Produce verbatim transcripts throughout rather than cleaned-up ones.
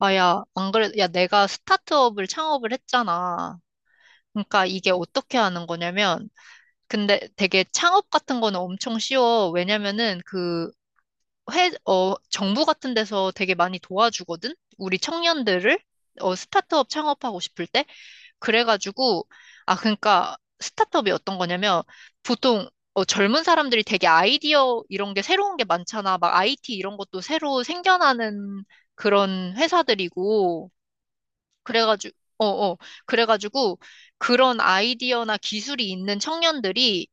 아, 야, 안 그래. 야, 내가 스타트업을 창업을 했잖아. 그러니까 이게 어떻게 하는 거냐면, 근데 되게 창업 같은 거는 엄청 쉬워. 왜냐면은 그 회, 어, 정부 같은 데서 되게 많이 도와주거든? 우리 청년들을? 어, 스타트업 창업하고 싶을 때? 그래가지고, 아, 그러니까 스타트업이 어떤 거냐면, 보통 어, 젊은 사람들이 되게 아이디어 이런 게 새로운 게 많잖아. 막 아이티 이런 것도 새로 생겨나는 그런 회사들이고, 그래가지고, 어, 어. 그래가지고 그런 아이디어나 기술이 있는 청년들이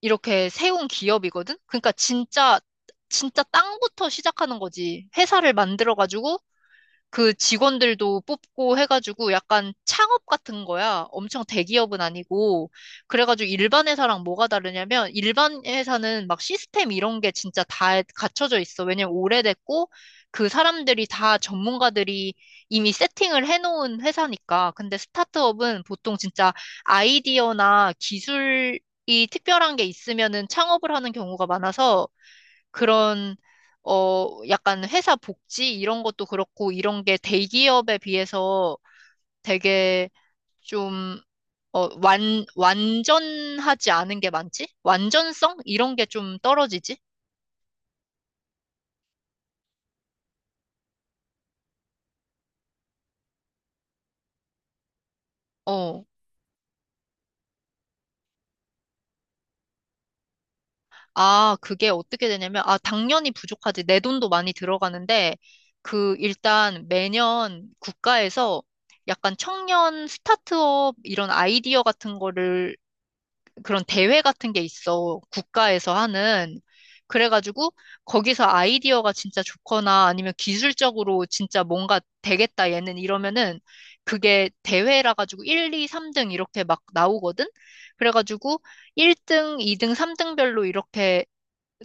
이렇게 세운 기업이거든? 그러니까 진짜, 진짜 땅부터 시작하는 거지. 회사를 만들어가지고 그 직원들도 뽑고 해가지고 약간 창업 같은 거야. 엄청 대기업은 아니고. 그래가지고 일반 회사랑 뭐가 다르냐면 일반 회사는 막 시스템 이런 게 진짜 다 갖춰져 있어. 왜냐면 오래됐고 그 사람들이 다 전문가들이 이미 세팅을 해놓은 회사니까. 근데 스타트업은 보통 진짜 아이디어나 기술이 특별한 게 있으면은 창업을 하는 경우가 많아서 그런 어 약간 회사 복지 이런 것도 그렇고 이런 게 대기업에 비해서 되게 좀 어, 완, 완전하지 않은 게 많지? 완전성? 이런 게 좀 떨어지지? 어. 아, 그게 어떻게 되냐면, 아, 당연히 부족하지. 내 돈도 많이 들어가는데, 그, 일단 매년 국가에서 약간 청년 스타트업 이런 아이디어 같은 거를 그런 대회 같은 게 있어. 국가에서 하는. 그래가지고 거기서 아이디어가 진짜 좋거나 아니면 기술적으로 진짜 뭔가 되겠다 얘는 이러면은 그게 대회라 가지고 일, 이, 삼 등 이렇게 막 나오거든? 그래가지고 일 등, 이 등, 삼 등별로 이렇게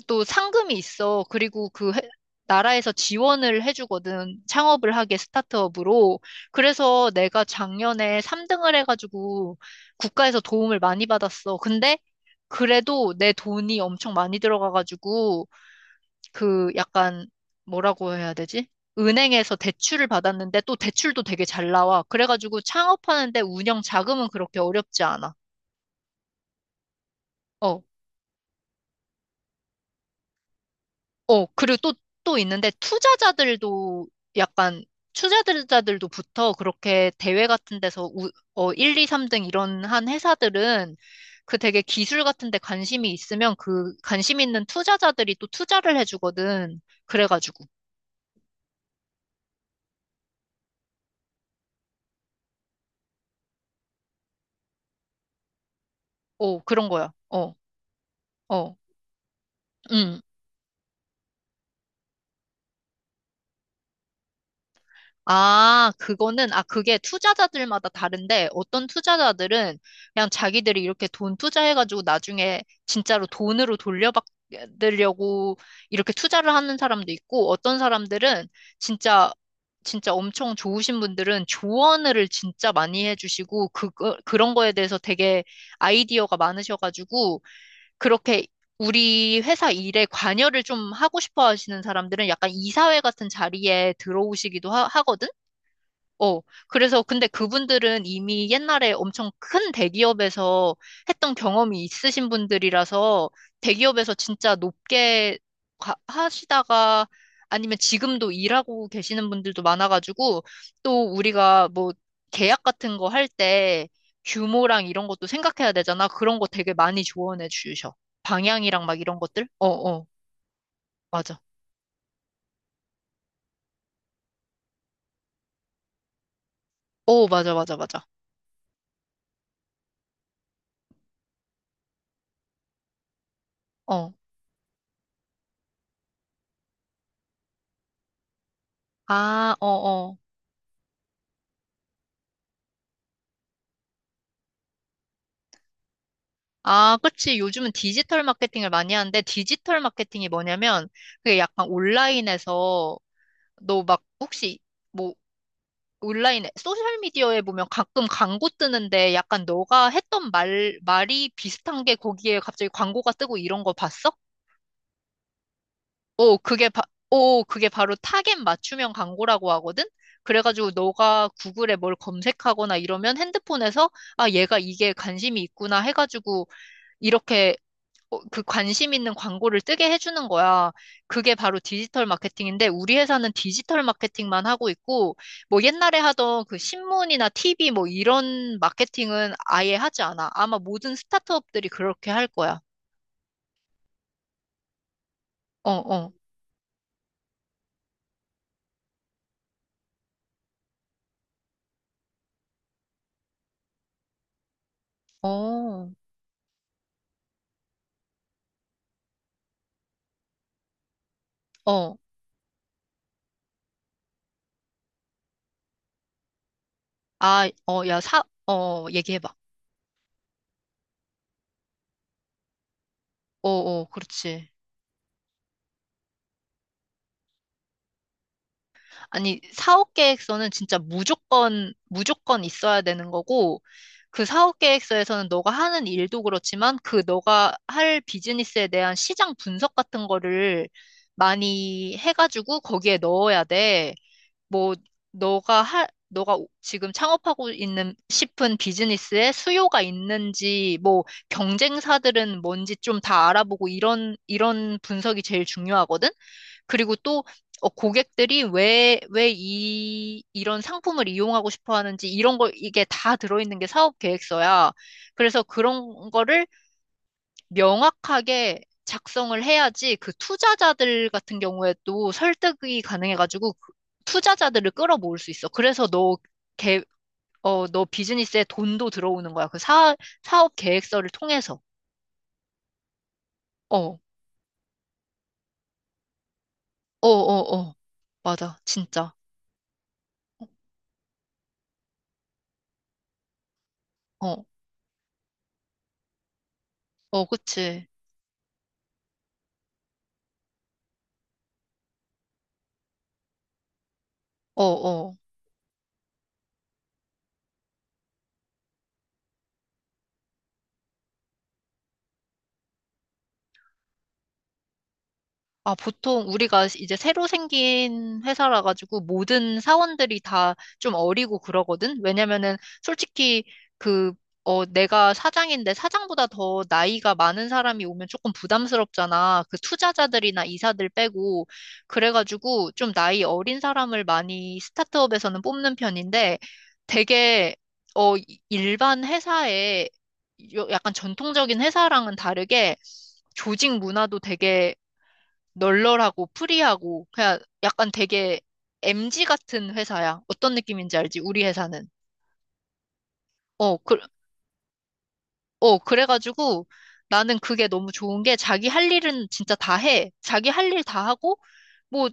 또 상금이 있어. 그리고 그 해- 나라에서 지원을 해주거든. 창업을 하게 스타트업으로. 그래서 내가 작년에 삼 등을 해가지고 국가에서 도움을 많이 받았어. 근데 그래도 내 돈이 엄청 많이 들어가가지고 그 약간 뭐라고 해야 되지? 은행에서 대출을 받았는데 또 대출도 되게 잘 나와. 그래가지고 창업하는데 운영 자금은 그렇게 어렵지 않아. 어. 어, 그리고 또, 또 있는데, 투자자들도 약간, 투자자들도 붙어 그렇게 대회 같은 데서 우, 어, 일, 이, 삼 등 이런 한 회사들은 그 되게 기술 같은 데 관심이 있으면 그 관심 있는 투자자들이 또 투자를 해주거든. 그래가지고. 어, 그런 거야. 어, 어, 음. 아, 그거는, 아, 그게 투자자들마다 다른데, 어떤 투자자들은 그냥 자기들이 이렇게 돈 투자해가지고 나중에 진짜로 돈으로 돌려받으려고 이렇게 투자를 하는 사람도 있고, 어떤 사람들은 진짜, 진짜 엄청 좋으신 분들은 조언을 진짜 많이 해주시고, 그, 그- 그런 거에 대해서 되게 아이디어가 많으셔가지고, 그렇게 우리 회사 일에 관여를 좀 하고 싶어 하시는 사람들은 약간 이사회 같은 자리에 들어오시기도 하, 거든. 어, 그래서 근데 그분들은 이미 옛날에 엄청 큰 대기업에서 했던 경험이 있으신 분들이라서 대기업에서 진짜 높게 가- 하시다가 아니면 지금도 일하고 계시는 분들도 많아가지고 또 우리가 뭐 계약 같은 거 할 때 규모랑 이런 것도 생각해야 되잖아. 그런 거 되게 많이 조언해 주셔. 방향이랑 막 이런 것들? 어, 어, 맞아. 어, 맞아, 맞아, 맞아. 어. 아, 어, 어. 아, 그치. 요즘은 디지털 마케팅을 많이 하는데, 디지털 마케팅이 뭐냐면, 그게 약간 온라인에서, 너 막, 혹시, 뭐, 온라인에, 소셜미디어에 보면 가끔 광고 뜨는데, 약간 너가 했던 말, 말이 비슷한 게 거기에 갑자기 광고가 뜨고 이런 거 봤어? 오, 그게, 바, 오, 그게 바로 타겟 맞춤형 광고라고 하거든? 그래가지고 너가 구글에 뭘 검색하거나 이러면 핸드폰에서, 아, 얘가 이게 관심이 있구나 해가지고, 이렇게 어, 그 관심 있는 광고를 뜨게 해주는 거야. 그게 바로 디지털 마케팅인데, 우리 회사는 디지털 마케팅만 하고 있고, 뭐 옛날에 하던 그 신문이나 티비 뭐 이런 마케팅은 아예 하지 않아. 아마 모든 스타트업들이 그렇게 할 거야. 어, 어, 어, 어. 아, 어, 야, 사, 어, 얘기해봐. 어, 어, 그렇지. 아니, 사업 계획서는 진짜 무조건, 무조건 있어야 되는 거고, 그 사업 계획서에서는 너가 하는 일도 그렇지만, 그 너가 할 비즈니스에 대한 시장 분석 같은 거를 많이 해가지고 거기에 넣어야 돼. 뭐, 너가 할, 너가 오- 지금 창업하고 있는 싶은 비즈니스에 수요가 있는지, 뭐, 경쟁사들은 뭔지 좀 다 알아보고 이런, 이런 분석이 제일 중요하거든? 그리고 또 어, 고객들이 왜, 왜 이, 이런 상품을 이용하고 싶어 하는지 이런 걸 이게 다 들어있는 게 사업 계획서야. 그래서 그런 거를 명확하게 작성을 해야지 그 투자자들 같은 경우에 도 설득이 가능해가지고 그 투자자들을 끌어모을 수 있어. 그래서 너 개, 어, 너 비즈니스에 돈도 들어오는 거야. 그 사, 사업 계획서를 통해서. 어, 어, 어, 어. 맞아. 진짜. 어, 어, 그치. 어, 어. 아, 보통 우리가 이제 새로 생긴 회사라 가지고 모든 사원들이 다 좀 어리고 그러거든? 왜냐면은 솔직히 그, 어, 내가 사장인데 사장보다 더 나이가 많은 사람이 오면 조금 부담스럽잖아. 그 투자자들이나 이사들 빼고. 그래가지고 좀 나이 어린 사람을 많이 스타트업에서는 뽑는 편인데 되게, 어, 일반 회사에 요- 약간 전통적인 회사랑은 다르게 조직 문화도 되게 널널하고 프리하고 그냥 약간 되게 엠지 같은 회사야. 어떤 느낌인지 알지? 우리 회사는. 어, 그, 어, 그래가지고 나는 그게 너무 좋은 게 자기 할 일은 진짜 다 해. 자기 할 일 다 하고 뭐,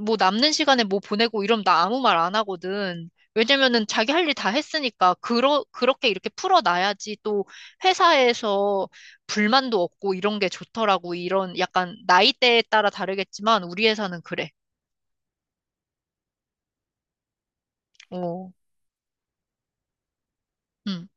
뭐 남는 시간에 뭐 보내고 이러면 나 아무 말 안 하거든. 왜냐면은 자기 할 일 다 했으니까 그러, 그렇게 이렇게 풀어놔야지 또 회사에서 불만도 없고 이런 게 좋더라고. 이런 약간 나이대에 따라 다르겠지만 우리 회사는 그래. 어. 음.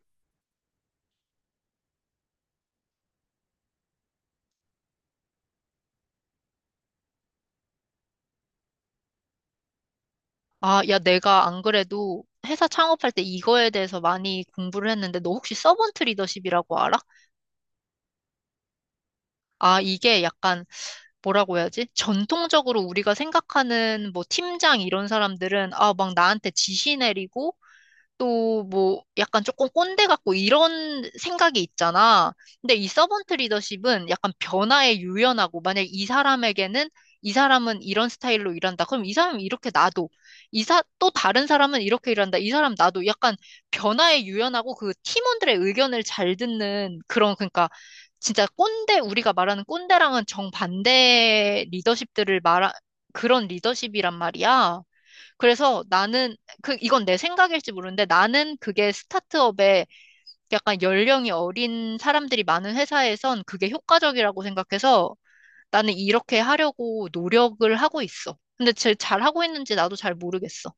아, 야, 내가 안 그래도 회사 창업할 때 이거에 대해서 많이 공부를 했는데, 너 혹시 서번트 리더십이라고 알아? 아, 이게 약간 뭐라고 해야지? 전통적으로 우리가 생각하는 뭐 팀장 이런 사람들은, 아, 막 나한테 지시 내리고, 또 뭐 약간 조금 꼰대 같고 이런 생각이 있잖아. 근데 이 서번트 리더십은 약간 변화에 유연하고 만약 이 사람에게는 이 사람은 이런 스타일로 일한다. 그럼 이 사람은 이렇게 놔둬. 이사 또 다른 사람은 이렇게 일한다. 이 사람 놔둬. 약간 변화에 유연하고 그 팀원들의 의견을 잘 듣는 그런 그러니까 진짜 꼰대 우리가 말하는 꼰대랑은 정반대 리더십들을 말하 그런 리더십이란 말이야. 그래서 나는 그 이건 내 생각일지 모르는데 나는 그게 스타트업에 약간 연령이 어린 사람들이 많은 회사에선 그게 효과적이라고 생각해서 나는 이렇게 하려고 노력을 하고 있어. 근데 제 잘 하고 있는지 나도 잘 모르겠어.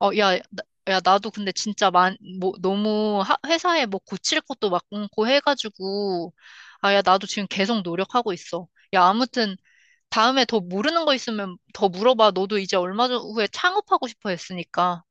어, 야, 나, 야, 나도 근데 진짜 만, 뭐, 너무 하- 회사에 뭐 고칠 것도 많고 해가지고, 아, 야, 나도 지금 계속 노력하고 있어. 야, 아무튼 다음에 더 모르는 거 있으면 더 물어봐. 너도 이제 얼마 전 후에 창업하고 싶어 했으니까.